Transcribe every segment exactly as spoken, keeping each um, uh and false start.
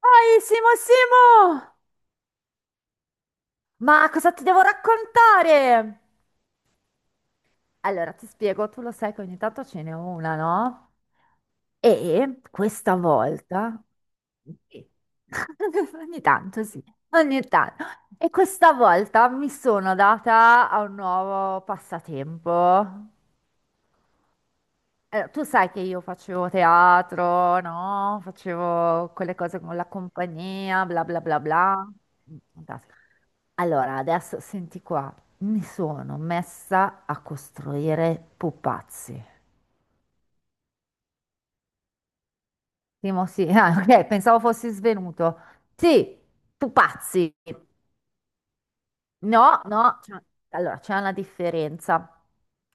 Poi, Simo, Simo! Ma cosa ti devo raccontare? Allora, ti spiego, tu lo sai che ogni tanto ce n'è una, no? E questa volta... Sì. Ogni tanto, sì, ogni tanto. E questa volta mi sono data a un nuovo passatempo. Eh, tu sai che io facevo teatro, no? Facevo quelle cose con la compagnia, bla bla bla bla. Mm, fantastico. Allora, adesso senti qua, mi sono messa a costruire pupazzi. Timo, sì, ah, ok, pensavo fossi svenuto. Sì, pupazzi. No, no, c'è- allora c'è una differenza.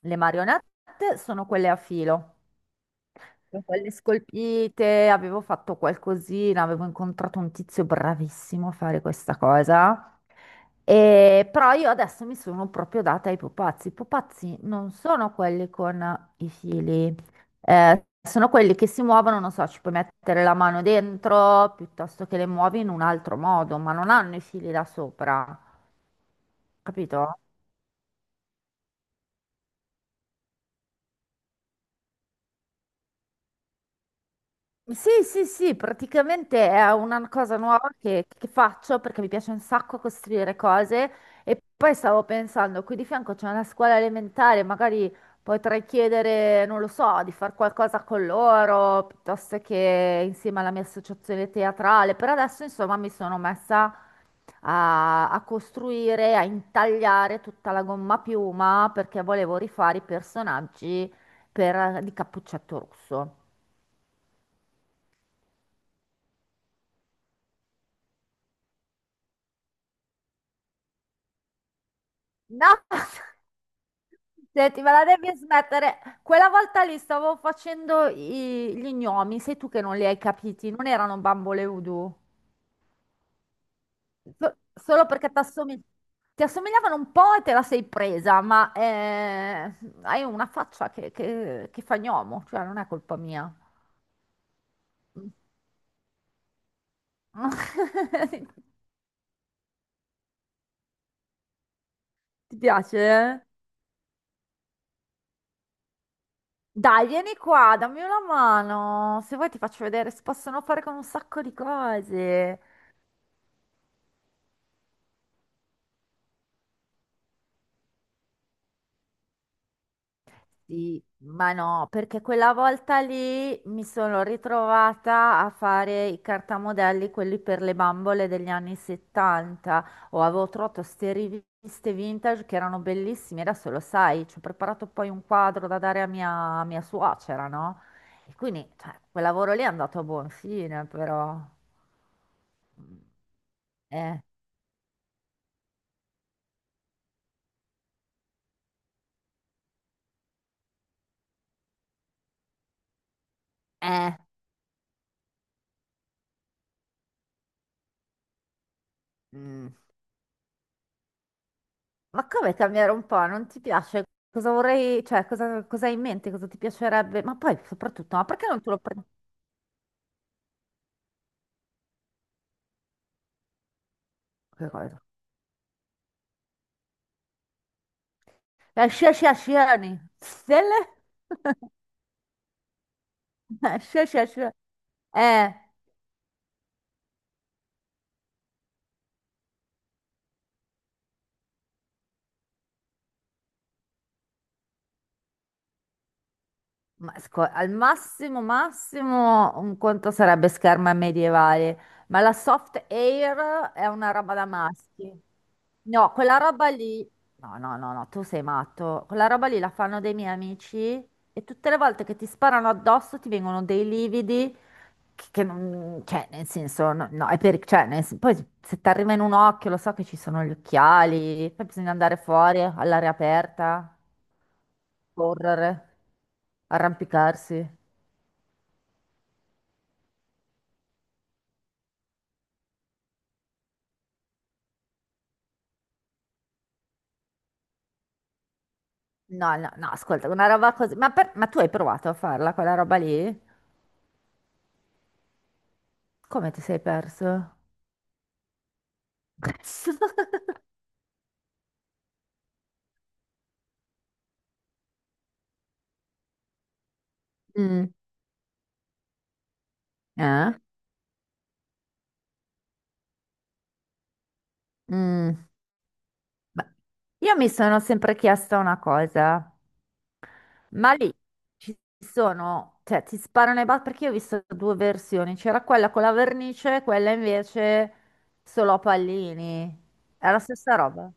Le marionette sono quelle a filo, con le scolpite. Avevo fatto qualcosina, avevo incontrato un tizio bravissimo a fare questa cosa. E, però io adesso mi sono proprio data ai pupazzi. I pupazzi non sono quelli con i fili, eh, sono quelli che si muovono, non so, ci puoi mettere la mano dentro piuttosto che le muovi in un altro modo, ma non hanno i fili da sopra, capito? Sì, sì, sì, praticamente è una cosa nuova che, che faccio perché mi piace un sacco costruire cose e poi stavo pensando, qui di fianco c'è una scuola elementare, magari potrei chiedere, non lo so, di fare qualcosa con loro, piuttosto che insieme alla mia associazione teatrale. Per adesso, insomma, mi sono messa a, a costruire, a intagliare tutta la gomma a piuma perché volevo rifare i personaggi per- di Cappuccetto Rosso. No! Senti, ma la devi smettere. Quella volta lì stavo facendo i- gli gnomi, sei tu che non li hai capiti, non erano bambole voodoo. So- solo perché t'assomig- ti assomigliavano un po' e te la sei presa, ma eh, hai una faccia che, che, che fa gnomo, cioè non è colpa mia. Ti piace? Eh? Dai, vieni qua, dammi una mano. Se vuoi ti faccio vedere, si possono fare con un sacco di cose. Sì, ma no, perché quella volta lì mi sono ritrovata a fare i cartamodelli, quelli per le bambole degli anni settanta. O avevo trovato ste riviste vintage che erano bellissime, adesso lo sai, ci ho preparato poi un quadro da dare a mia, a mia suocera, no? E quindi, cioè, quel lavoro lì è andato a buon fine, però... Mm. Eh, eh, mm. Ma come cambiare un po'? Non ti piace? Cosa vorrei, cioè, cosa, cosa hai in mente? Cosa ti piacerebbe? Ma poi, soprattutto, ma perché non te lo prendi? Che cosa? La sciasciazione. Stelle? La sciasciazione. Eh, ma scu- al massimo, massimo, un conto sarebbe scherma medievale. Ma la soft air è una roba da maschi. No, quella roba lì... No, no, no, no, tu sei matto. Quella roba lì la fanno dei miei amici e tutte le volte che ti sparano addosso ti vengono dei lividi che che non, cioè, nel senso, no, no, è per, cioè, nel sen- poi se ti arriva in un occhio, lo so che ci sono gli occhiali, poi bisogna andare fuori all'aria aperta, correre, arrampicarsi. No, no, no, ascolta, una roba così. Ma, per- ma tu hai provato a farla quella roba lì? Come ti sei perso? Mm, eh? Mm. Beh, io mi sono sempre chiesta una cosa. Ma lì ci sono, cioè ti sparano i bat perché io ho visto due versioni, c'era quella con la vernice, quella invece solo a pallini. È la stessa roba,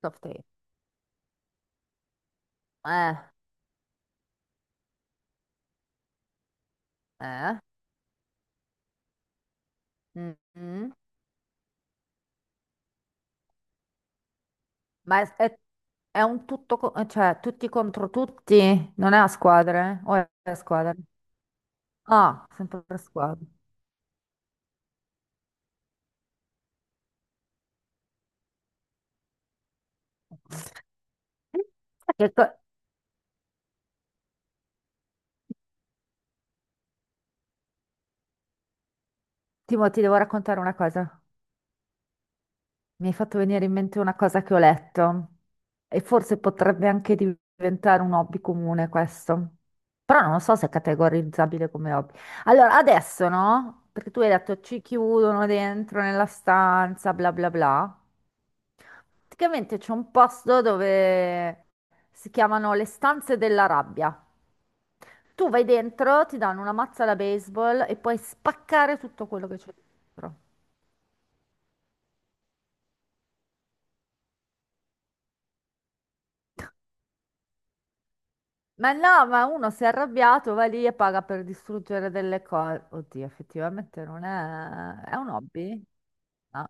soft tape. Eh, eh, mm, mm. Ma è, è- è un tutto, co- eh, cioè tutti contro tutti, non è a squadre? O è a squadre? Ah, sempre a squadre. Sai che co- Timo, ti devo raccontare una cosa. Mi hai fatto venire in mente una cosa che ho letto e forse potrebbe anche diventare un hobby comune questo, però non lo so se è categorizzabile come hobby. Allora, adesso no? Perché tu hai detto ci chiudono dentro nella stanza, bla bla bla. Praticamente c'è un posto dove si chiamano le stanze della rabbia. Tu vai dentro, ti danno una mazza da baseball e puoi spaccare tutto quello che c'è dentro. Ma no, ma uno si è arrabbiato, va lì e paga per distruggere delle cose. Oddio, effettivamente non è... È un hobby? No.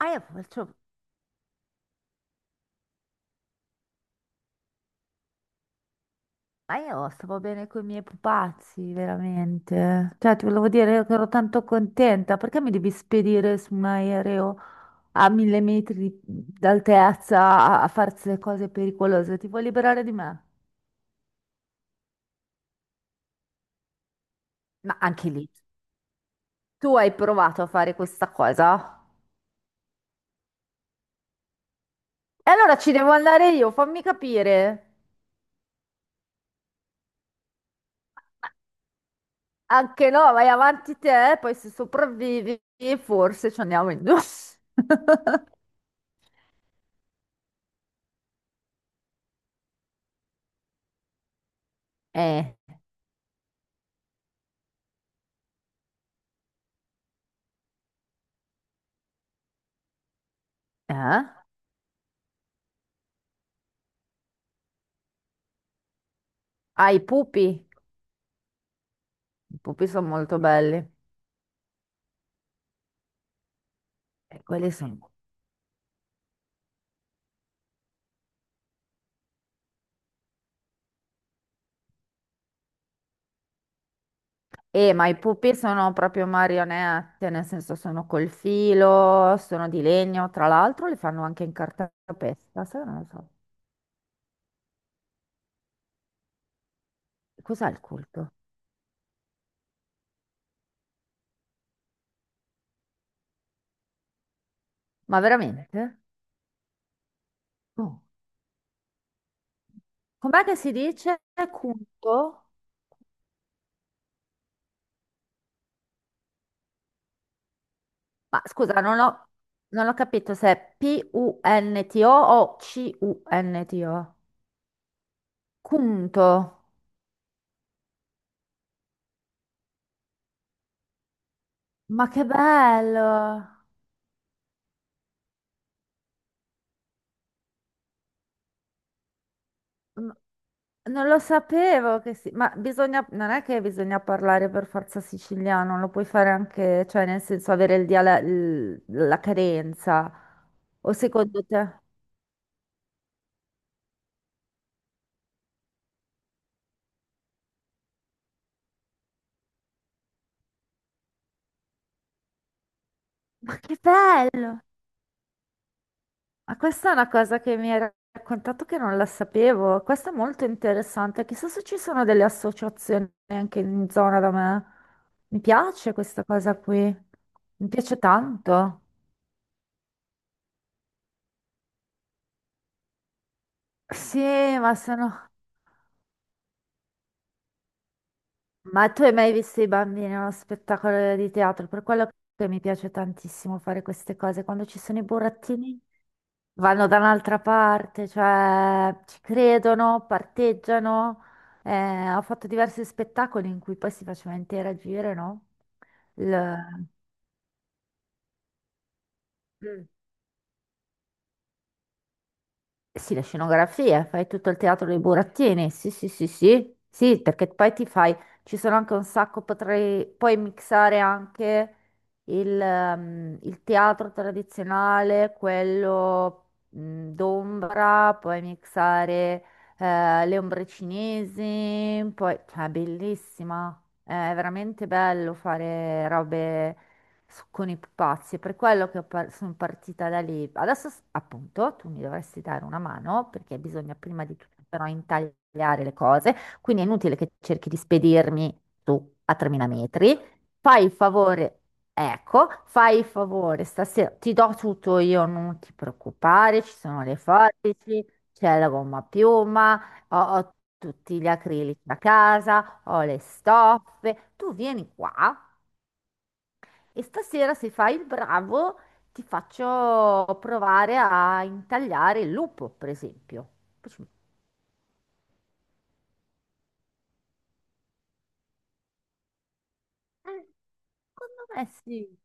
Ah, io faccio... Ma io stavo bene con i miei pupazzi, veramente. Cioè, ti volevo dire che ero tanto contenta. Perché mi devi spedire su un aereo a mille metri di- d'altezza a, a farsi cose pericolose? Ti vuoi liberare di me? Ma anche lì, tu hai provato a fare questa cosa? E allora ci devo andare io, fammi capire. Anche no, vai avanti te, poi se sopravvivi, forse ci andiamo in due. Eh, eh? Ah, i pupi. I pupi sono molto belli. E quelli sono... Eh, ma i pupi sono proprio marionette, nel senso sono col filo, sono di legno. Tra l'altro li fanno anche in cartapesta, sai, non lo so. Cos'è il culto? Ma veramente? Oh. Com'è che si dice? Culto? Ma scusa, non ho, non ho capito se è P-U-N-T-O o o C U N T O. C-U-N-T-O. Punto. Ma che bello! M- Non lo sapevo che si... Ma bisogna... non è che bisogna parlare per forza siciliano, lo puoi fare anche, cioè nel senso avere il diala- il- la carenza. O secondo te? Ma che bello! Ma questa è una cosa che mi hai raccontato che non la sapevo. Questo è molto interessante. Chissà se ci sono delle associazioni anche in zona da me. Mi piace questa cosa qui. Mi piace tanto. Sì, ma sono... Ma tu hai mai visto i bambini a uno spettacolo di teatro? Per quello che mi piace tantissimo fare queste cose. Quando ci sono i burattini vanno da un'altra parte, cioè ci credono, parteggiano. Eh, ho fatto diversi spettacoli in cui poi si faceva interagire, no? Il- Mm. Eh, sì, la scenografia, fai tutto il teatro dei burattini. Sì, sì, sì, sì, sì, perché poi ti fai, ci sono anche un sacco, potrei poi mixare anche il, ehm, il teatro tradizionale, quello mm, d'ombra, puoi mixare eh, le ombre cinesi, poi, cioè, è bellissima, è veramente bello fare robe so- con i pupazzi, è per quello che ho par- sono partita da lì. Adesso, s- appunto, tu mi dovresti dare una mano perché bisogna prima di tutto però intagliare le cose, quindi è inutile che cerchi di spedirmi tu a tremila metri. Fai il favore, ecco, fai il favore, stasera ti do tutto io, non ti preoccupare, ci sono le forbici, c'è la gomma a piuma, ho, ho tutti gli acrilici da casa, ho le stoffe, tu vieni qua e stasera, se fai il bravo, ti faccio provare a intagliare il lupo, per esempio. Poi ci- Eh, Secondo me sì.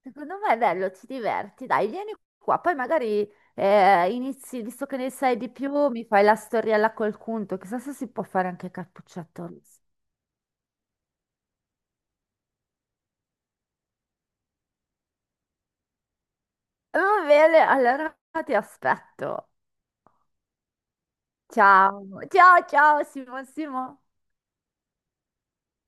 Secondo me è bello, ti diverti. Dai, vieni qua. Poi magari eh, inizi, visto che ne sai di più, mi fai la storiella col conto. Chissà se si può fare anche Cappuccetto Rosso. Va bene, allora ti aspetto. Ciao. Ciao, ciao, Simo, Simo.